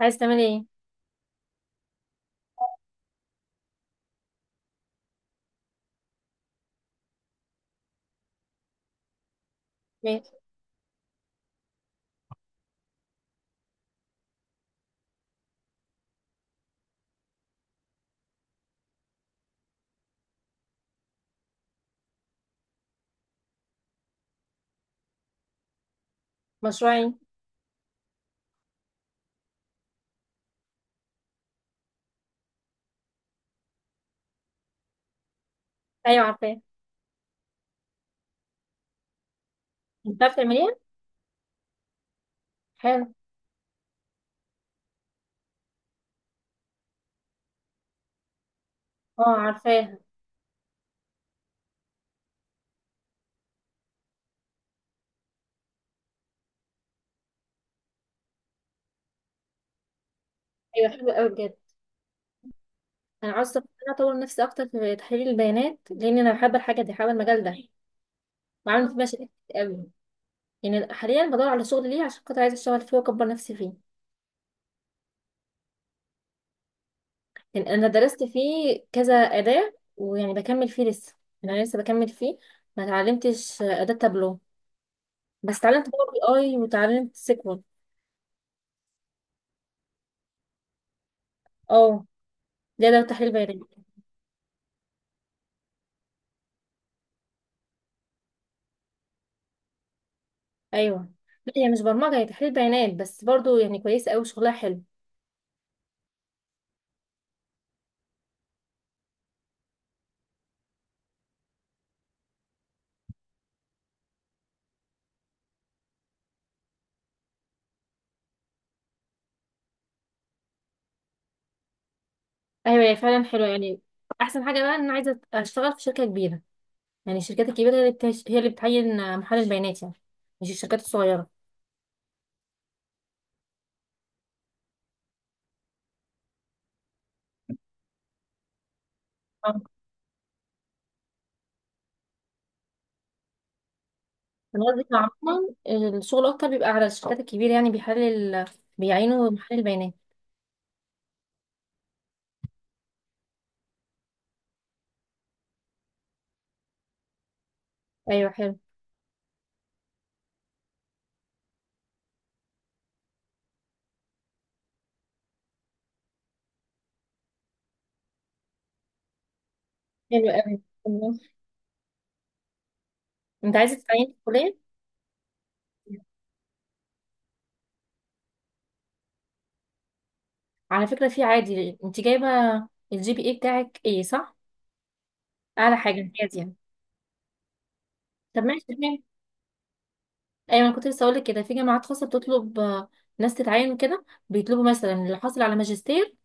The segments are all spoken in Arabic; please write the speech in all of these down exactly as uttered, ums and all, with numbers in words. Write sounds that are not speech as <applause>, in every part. عايز تعملي ايه؟ ماشي. مشروع ايه؟ ايوه، عارفاه. انت عارفه تعمليها؟ حلو. اه، عارفاها. ايوه، حلو قوي بجد. انا عاوزه انا اطور نفسي اكتر في تحليل البيانات، لان انا بحب الحاجه دي، بحب المجال ده. وعامل فيه مشاريع كتير قوي. يعني حاليا بدور على شغل ليه، عشان خاطر عايزه اشتغل فيه واكبر نفسي فيه. لان انا درست فيه كذا اداه، ويعني بكمل فيه لسه. يعني انا لسه بكمل فيه. ما اتعلمتش اداه تابلو. بس اتعلمت باور بي اي، وتعلمت سيكوال. اه. ده ده تحليل بيانات. ايوه. لا، هي مش برمجه، هي تحليل بيانات بس برضو، يعني كويسه قوي، شغلها حلو. ايوه، هي فعلا حلوه يعني. احسن حاجه بقى ان انا عايزه اشتغل في شركه كبيره. يعني الشركات الكبيره، هي اللي بتش... هي اللي بتعين محلل بيانات يعني. مش الشركات الصغيره. آه. انا قصدي عموما، الشغل اكتر بيبقى على الشركات الكبيره، يعني بيحلل، بيعينوا محلل بيانات. ايوه، حلو. حلو قوي، انت عايزه تتعين في الكليه؟ على فكره، في عادي انت جايبه الجي بي اي بتاعك ايه؟ صح، اعلى حاجه امتياز يعني. طب، ماشي تمام. ايوه، انا كنت لسه هقولك كده، في جامعات خاصه بتطلب آه، ناس تتعين كده، بيطلبوا مثلا اللي حاصل على ماجستير،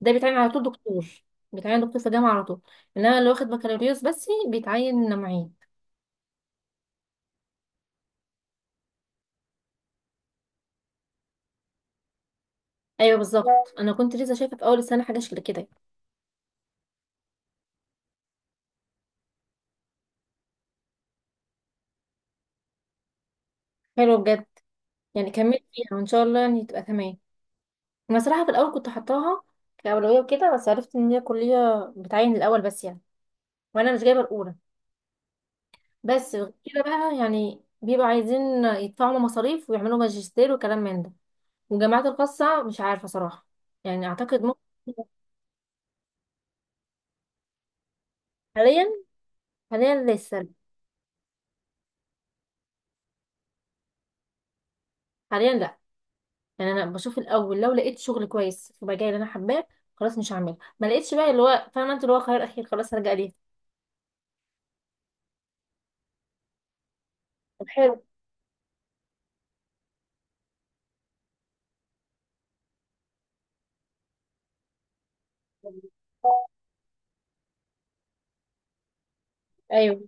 ده بيتعين على طول دكتور. بيتعين دكتور في جامعه على طول. انما اللي واخد بكالوريوس بس بيتعين معيد. ايوه، بالظبط. انا كنت لسه شايفه في اول السنه حاجه شكل كده. حلوه بجد. يعني كملت فيها، وان شاء الله يعني تبقى تمام. انا صراحه في الاول كنت حطاها كاولويه وكده، بس عرفت ان هي كليه بتعين الاول بس يعني. وانا مش جايبه الاولى. بس غير كده بقى، يعني بيبقوا عايزين يدفعوا مصاريف ويعملوا ماجستير وكلام من ده. والجامعات الخاصة مش عارفة صراحة. يعني أعتقد ممكن. حاليا. حاليا لسه. حاليا لا. يعني أنا بشوف الأول، لو لقيت شغل كويس في مجال اللي أنا حباه خلاص مش هعمله، ما لقيتش بقى اللي هو فاهمة أنت، اللي هو خيار أخير، خلاص هرجع ليه. طب، حلو. أيوه.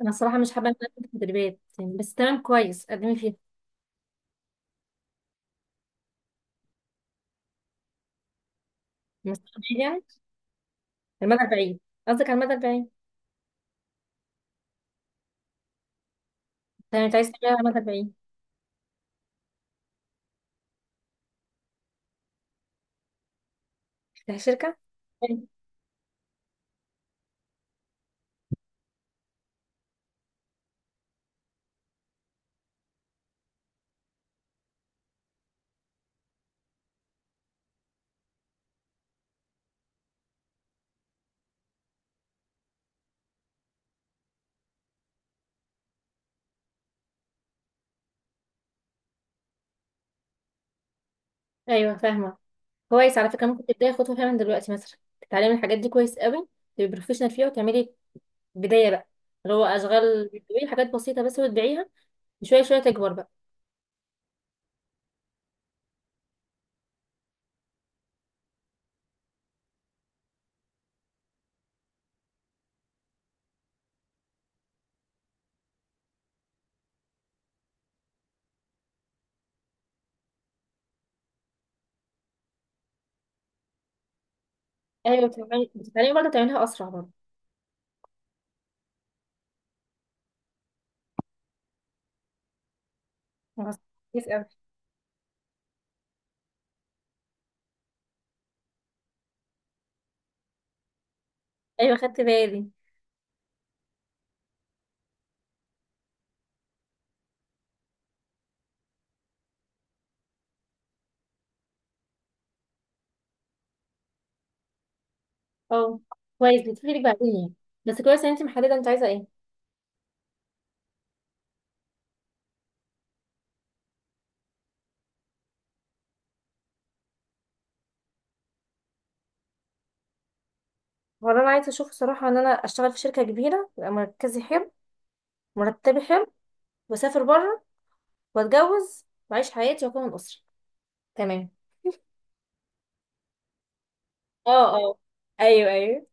أنا الصراحة مش حابة إن أنا أكون في تدريبات يعني، بس تمام كويس، قدمي فيها. مستقبلية يعني؟ المدى البعيد. قصدك على المدى البعيد؟ تمام، أنت عايز تعملها على المدى البعيد. تفتحي شركة؟ أيوه، فاهمة. كويس، على فكرة ممكن تبداي خطوة فيها من دلوقتي، مثلا تتعلمي الحاجات دي كويس قوي، تبقي بروفيشنال فيها، وتعملي بداية بقى، اللي هو أشغال، بتبيعي حاجات بسيطة بس وتبيعيها، شوية شوية تكبر بقى. أيوة، بتتعلمي بتتعلمي برضه، تعمليها أسرع برضه. خلاص، كويس أوي. أيوة، خدت بالي. اه، كويس، بتفيدك بعدين يعني. بس كويس إن أنت محددة أنت عايزة إيه. هو اللي أنا عايزة أشوفه صراحة، إن أنا أشتغل في شركة كبيرة، يبقى مركزي حلو، مرتبي حلو، وأسافر بره، وأتجوز وأعيش حياتي وأكون أسرة. تمام. اه، اه. ايوه، ايوه.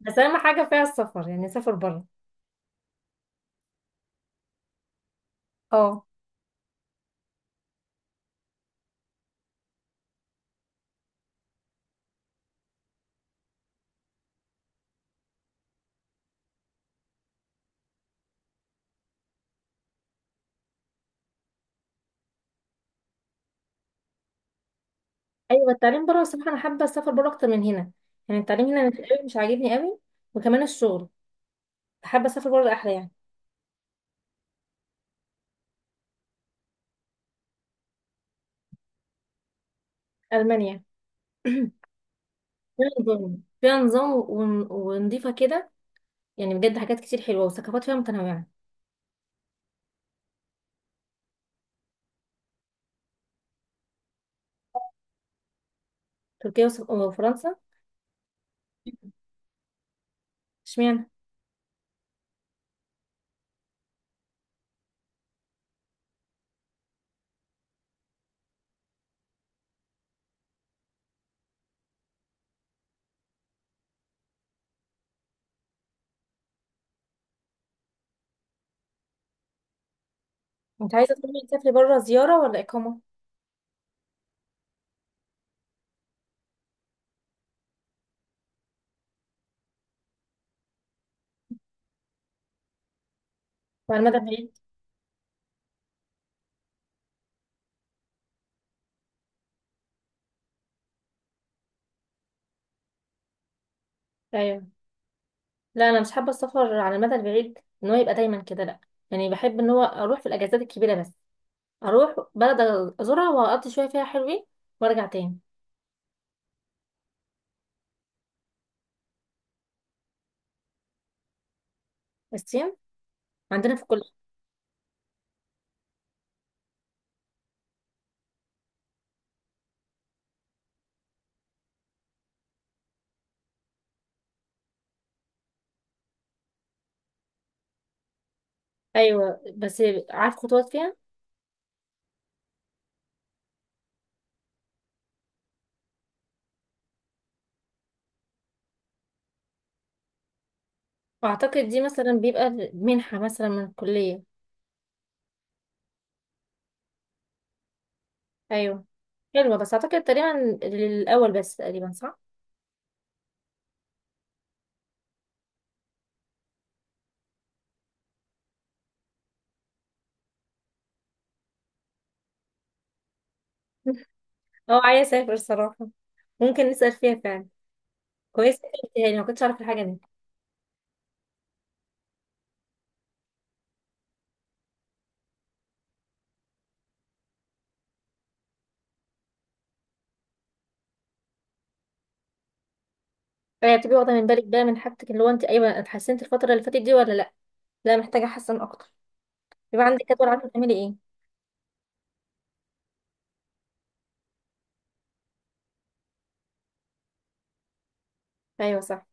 بس اهم حاجه فيها السفر، يعني سافر بره. اه. ايوه، التعليم بره الصراحه، انا حابه اسافر بره اكتر من هنا. يعني التعليم هنا مش قوي، مش عاجبني قوي. وكمان الشغل، حابه اسافر بره احلى يعني. المانيا. <clears throat> فيها نظام، فيها نظام ون- ونضيفه كده. يعني بجد، حاجات كتير حلوه، وثقافات فيها متنوعه. تركيا وس- وفرنسا. اشمعنى؟ انت عايزه تروحي تسافري بره زياره ولا اقامه؟ وعلى المدى البعيد؟ ايوه. لا، انا مش حابه السفر على المدى البعيد، ان هو يبقى دايما كده، لا. يعني بحب ان هو اروح في الاجازات الكبيره بس، اروح بلد، ازورها واقضي شويه فيها حلوين، وارجع تاني. الصين؟ عندنا في كل. ايوه، بس عارف خطوات فيها؟ واعتقد دي مثلا بيبقى منحه مثلا من الكليه. ايوه. حلوه، بس اعتقد تقريبا للاول بس، تقريبا صح؟ <laughs> اه، عايزه اسافر صراحه. ممكن نسال فيها فعلا. كويس إنك قلتيها لي، ما كنتش اعرف الحاجه دي. هي بتبقي واخده من بالك بقى من حاجتك، اللي هو انت ايوه اتحسنت الفتره اللي فاتت دي ولا لا. لا، محتاجه احسن اكتر. يبقى عندك جدول، عارفه تعملي ايه. ايوه، صح.